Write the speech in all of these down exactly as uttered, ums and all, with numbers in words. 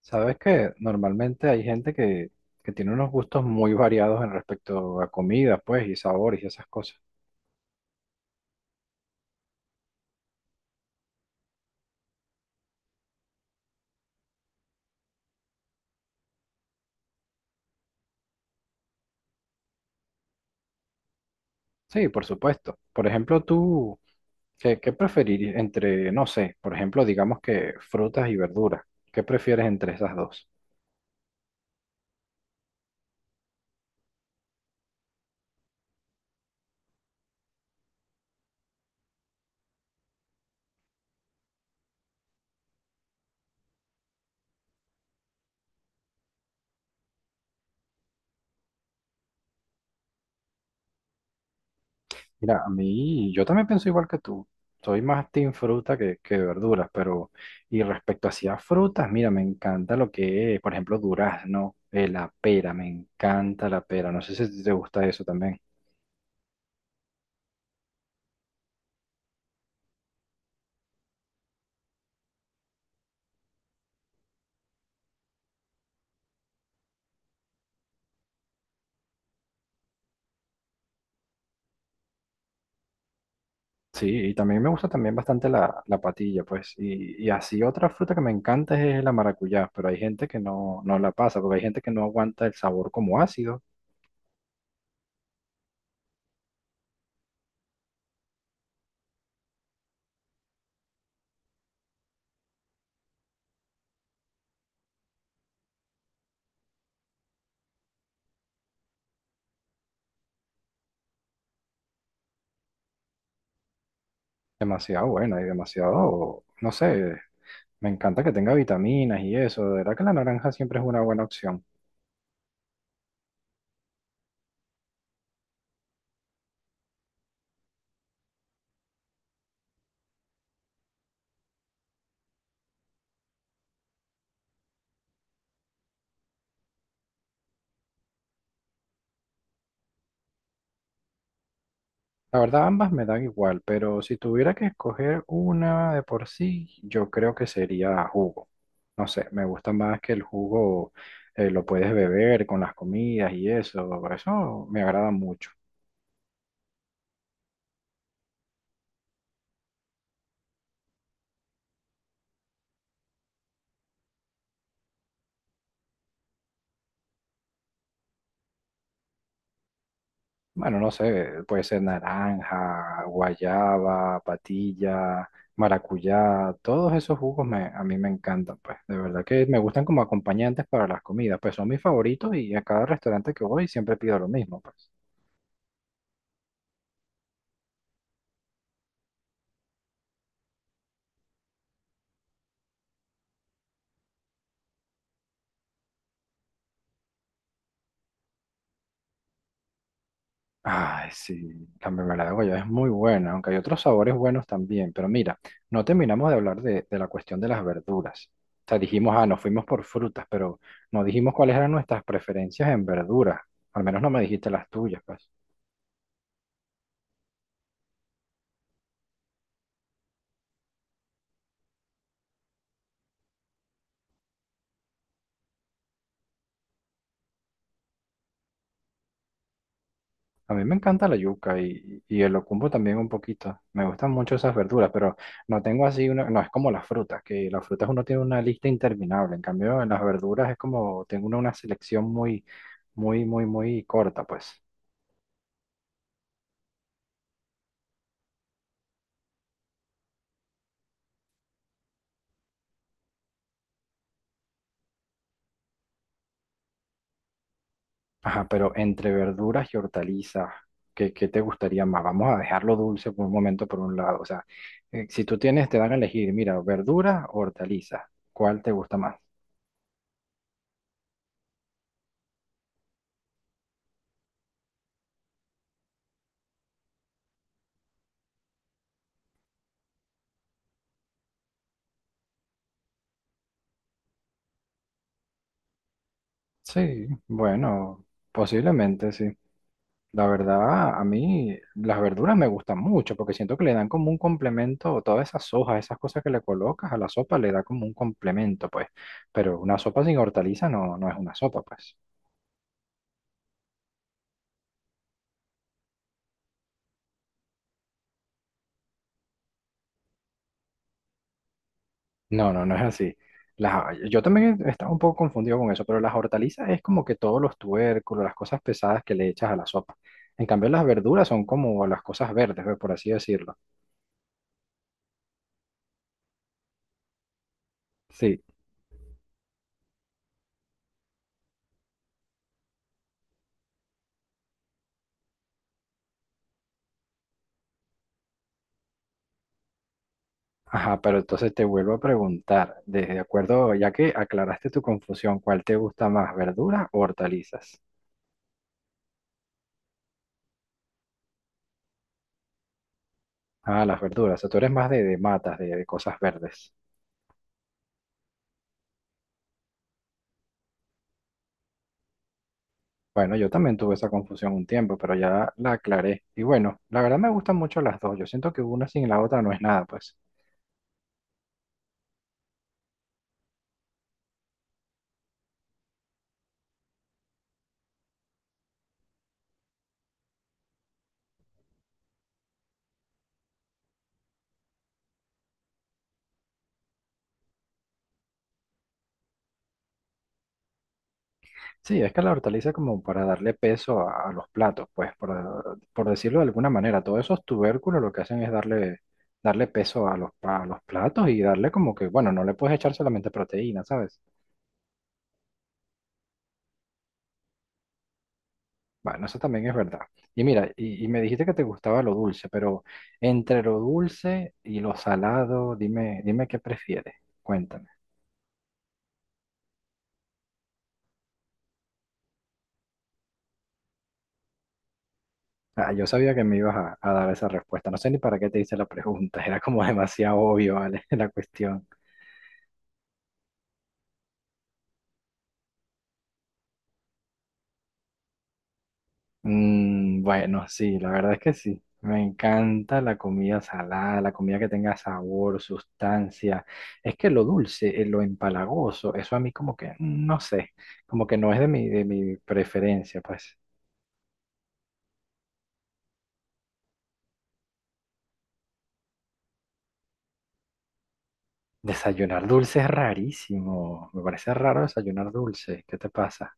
Sabes que normalmente hay gente que, que tiene unos gustos muy variados en respecto a comida, pues, y sabores y esas cosas. Sí, por supuesto. Por ejemplo, tú, ¿qué, qué preferirías entre, no sé, por ejemplo, digamos que frutas y verduras? ¿Qué prefieres entre esas dos? Mira, a mí, yo también pienso igual que tú. Soy más team fruta que, que verduras, pero, y respecto hacia frutas, mira, me encanta lo que es, por ejemplo, durazno, eh, la pera, me encanta la pera. No sé si te gusta eso también. Sí, y también me gusta también bastante la, la patilla, pues. Y, y así otra fruta que me encanta es la maracuyá, pero hay gente que no, no la pasa, porque hay gente que no aguanta el sabor como ácido. Demasiado buena y demasiado, no sé, me encanta que tenga vitaminas y eso. De verdad que la naranja siempre es una buena opción. La verdad, ambas me dan igual, pero si tuviera que escoger una de por sí, yo creo que sería jugo. No sé, me gusta más que el jugo eh, lo puedes beber con las comidas y eso, eso me agrada mucho. Bueno, no sé, puede ser naranja, guayaba, patilla, maracuyá, todos esos jugos me, a mí me encantan, pues. De verdad que me gustan como acompañantes para las comidas, pues son mis favoritos y a cada restaurante que voy siempre pido lo mismo, pues. Ay, sí, la mermelada de guayaba es muy buena, aunque hay otros sabores buenos también. Pero mira, no terminamos de hablar de, de la cuestión de las verduras. O sea, dijimos, ah, nos fuimos por frutas, pero no dijimos cuáles eran nuestras preferencias en verduras. Al menos no me dijiste las tuyas, pues. A mí me encanta la yuca y, y el locumbo también un poquito. Me gustan mucho esas verduras, pero no tengo así una, no es como las frutas, que las frutas uno tiene una lista interminable. En cambio, en las verduras es como tengo una, una selección muy, muy, muy, muy corta, pues. Ajá, pero entre verduras y hortalizas, ¿qué, qué te gustaría más? Vamos a dejarlo dulce por un momento por un lado. O sea, eh, si tú tienes, te dan a elegir, mira, verduras o hortalizas, ¿cuál te gusta más? Sí, bueno, posiblemente sí. La verdad, a mí las verduras me gustan mucho porque siento que le dan como un complemento, todas esas hojas, esas cosas que le colocas a la sopa, le da como un complemento, pues. Pero una sopa sin hortaliza no, no es una sopa, pues. No, no, no es así. Las- yo también estaba un poco confundido con eso, pero las hortalizas es como que todos los tubérculos, las cosas pesadas que le echas a la sopa. En cambio, las verduras son como las cosas verdes, pues, por así decirlo. Sí, ajá, pero entonces te vuelvo a preguntar, de de acuerdo, ya que aclaraste tu confusión, ¿cuál te gusta más, verduras o hortalizas? Ah, las verduras, o sea, tú eres más de, de matas, de de cosas verdes. Bueno, yo también tuve esa confusión un tiempo, pero ya la aclaré. Y bueno, la verdad me gustan mucho las dos. Yo siento que una sin la otra no es nada, pues. Sí, es que la hortaliza como para darle peso a, a los platos, pues por, por decirlo de alguna manera, todos esos tubérculos lo que hacen es darle, darle peso a los, pa- a los platos y darle como que, bueno, no le puedes echar solamente proteína, ¿sabes? Bueno, eso también es verdad. Y mira, y, y me dijiste que te gustaba lo dulce, pero entre lo dulce y lo salado, dime, dime qué prefieres, cuéntame. Ah, yo sabía que me ibas a, a dar esa respuesta, no sé ni para qué te hice la pregunta, era como demasiado obvio, ¿vale? La cuestión. Mm, bueno, sí, la verdad es que sí. Me encanta la comida salada, la comida que tenga sabor, sustancia. Es que lo dulce, eh, lo empalagoso, eso a mí como que, mm, no sé, como que no es de mi, de mi preferencia, pues. Desayunar dulce es rarísimo. Me parece raro desayunar dulce. ¿Qué te pasa?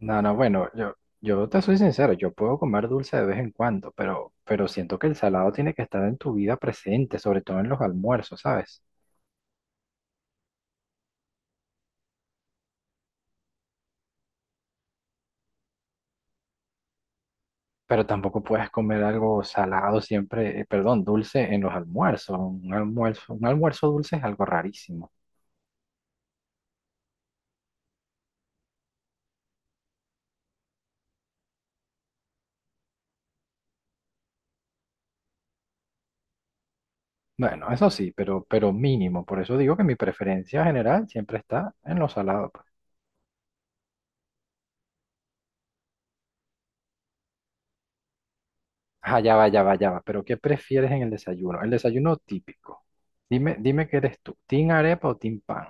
No, no, bueno, yo, yo te soy sincero, yo puedo comer dulce de vez en cuando, pero, pero siento que el salado tiene que estar en tu vida presente, sobre todo en los almuerzos, ¿sabes? Pero tampoco puedes comer algo salado siempre, eh, perdón, dulce en los almuerzos. Un almuerzo, un almuerzo dulce es algo rarísimo. Bueno, eso sí, pero, pero mínimo. Por eso digo que mi preferencia general siempre está en lo salado. Pues. Ah, ya va, ya va, ya va. Pero ¿qué prefieres en el desayuno? El desayuno típico. Dime, dime qué eres tú, ¿team arepa o team pan?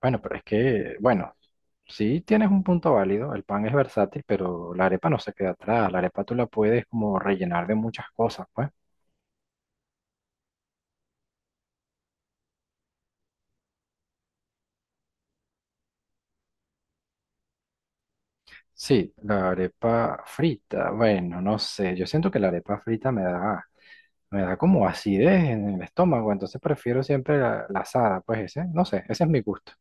Bueno, pero es que, bueno, sí tienes un punto válido. El pan es versátil, pero la arepa no se queda atrás. La arepa tú la puedes como rellenar de muchas cosas, pues. Sí, la arepa frita. Bueno, no sé. Yo siento que la arepa frita me da, me da como acidez en el estómago. Entonces prefiero siempre la, la asada. Pues ese, no sé, ese es mi gusto.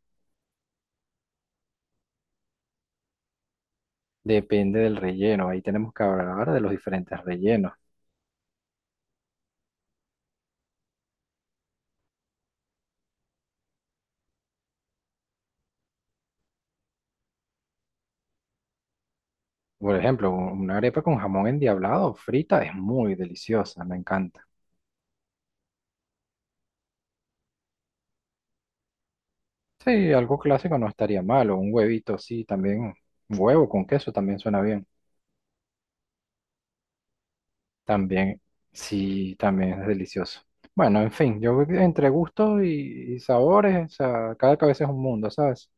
Depende del relleno. Ahí tenemos que hablar de los diferentes rellenos. Por ejemplo, un- una arepa con jamón endiablado frita es muy deliciosa. Me encanta. Sí, algo clásico no estaría malo. Un huevito, sí, también. Un huevo con queso también suena bien. También, sí, también es delicioso. Bueno, en fin, yo creo que entre gustos y, y sabores, o sea, cada cabeza es un mundo, ¿sabes?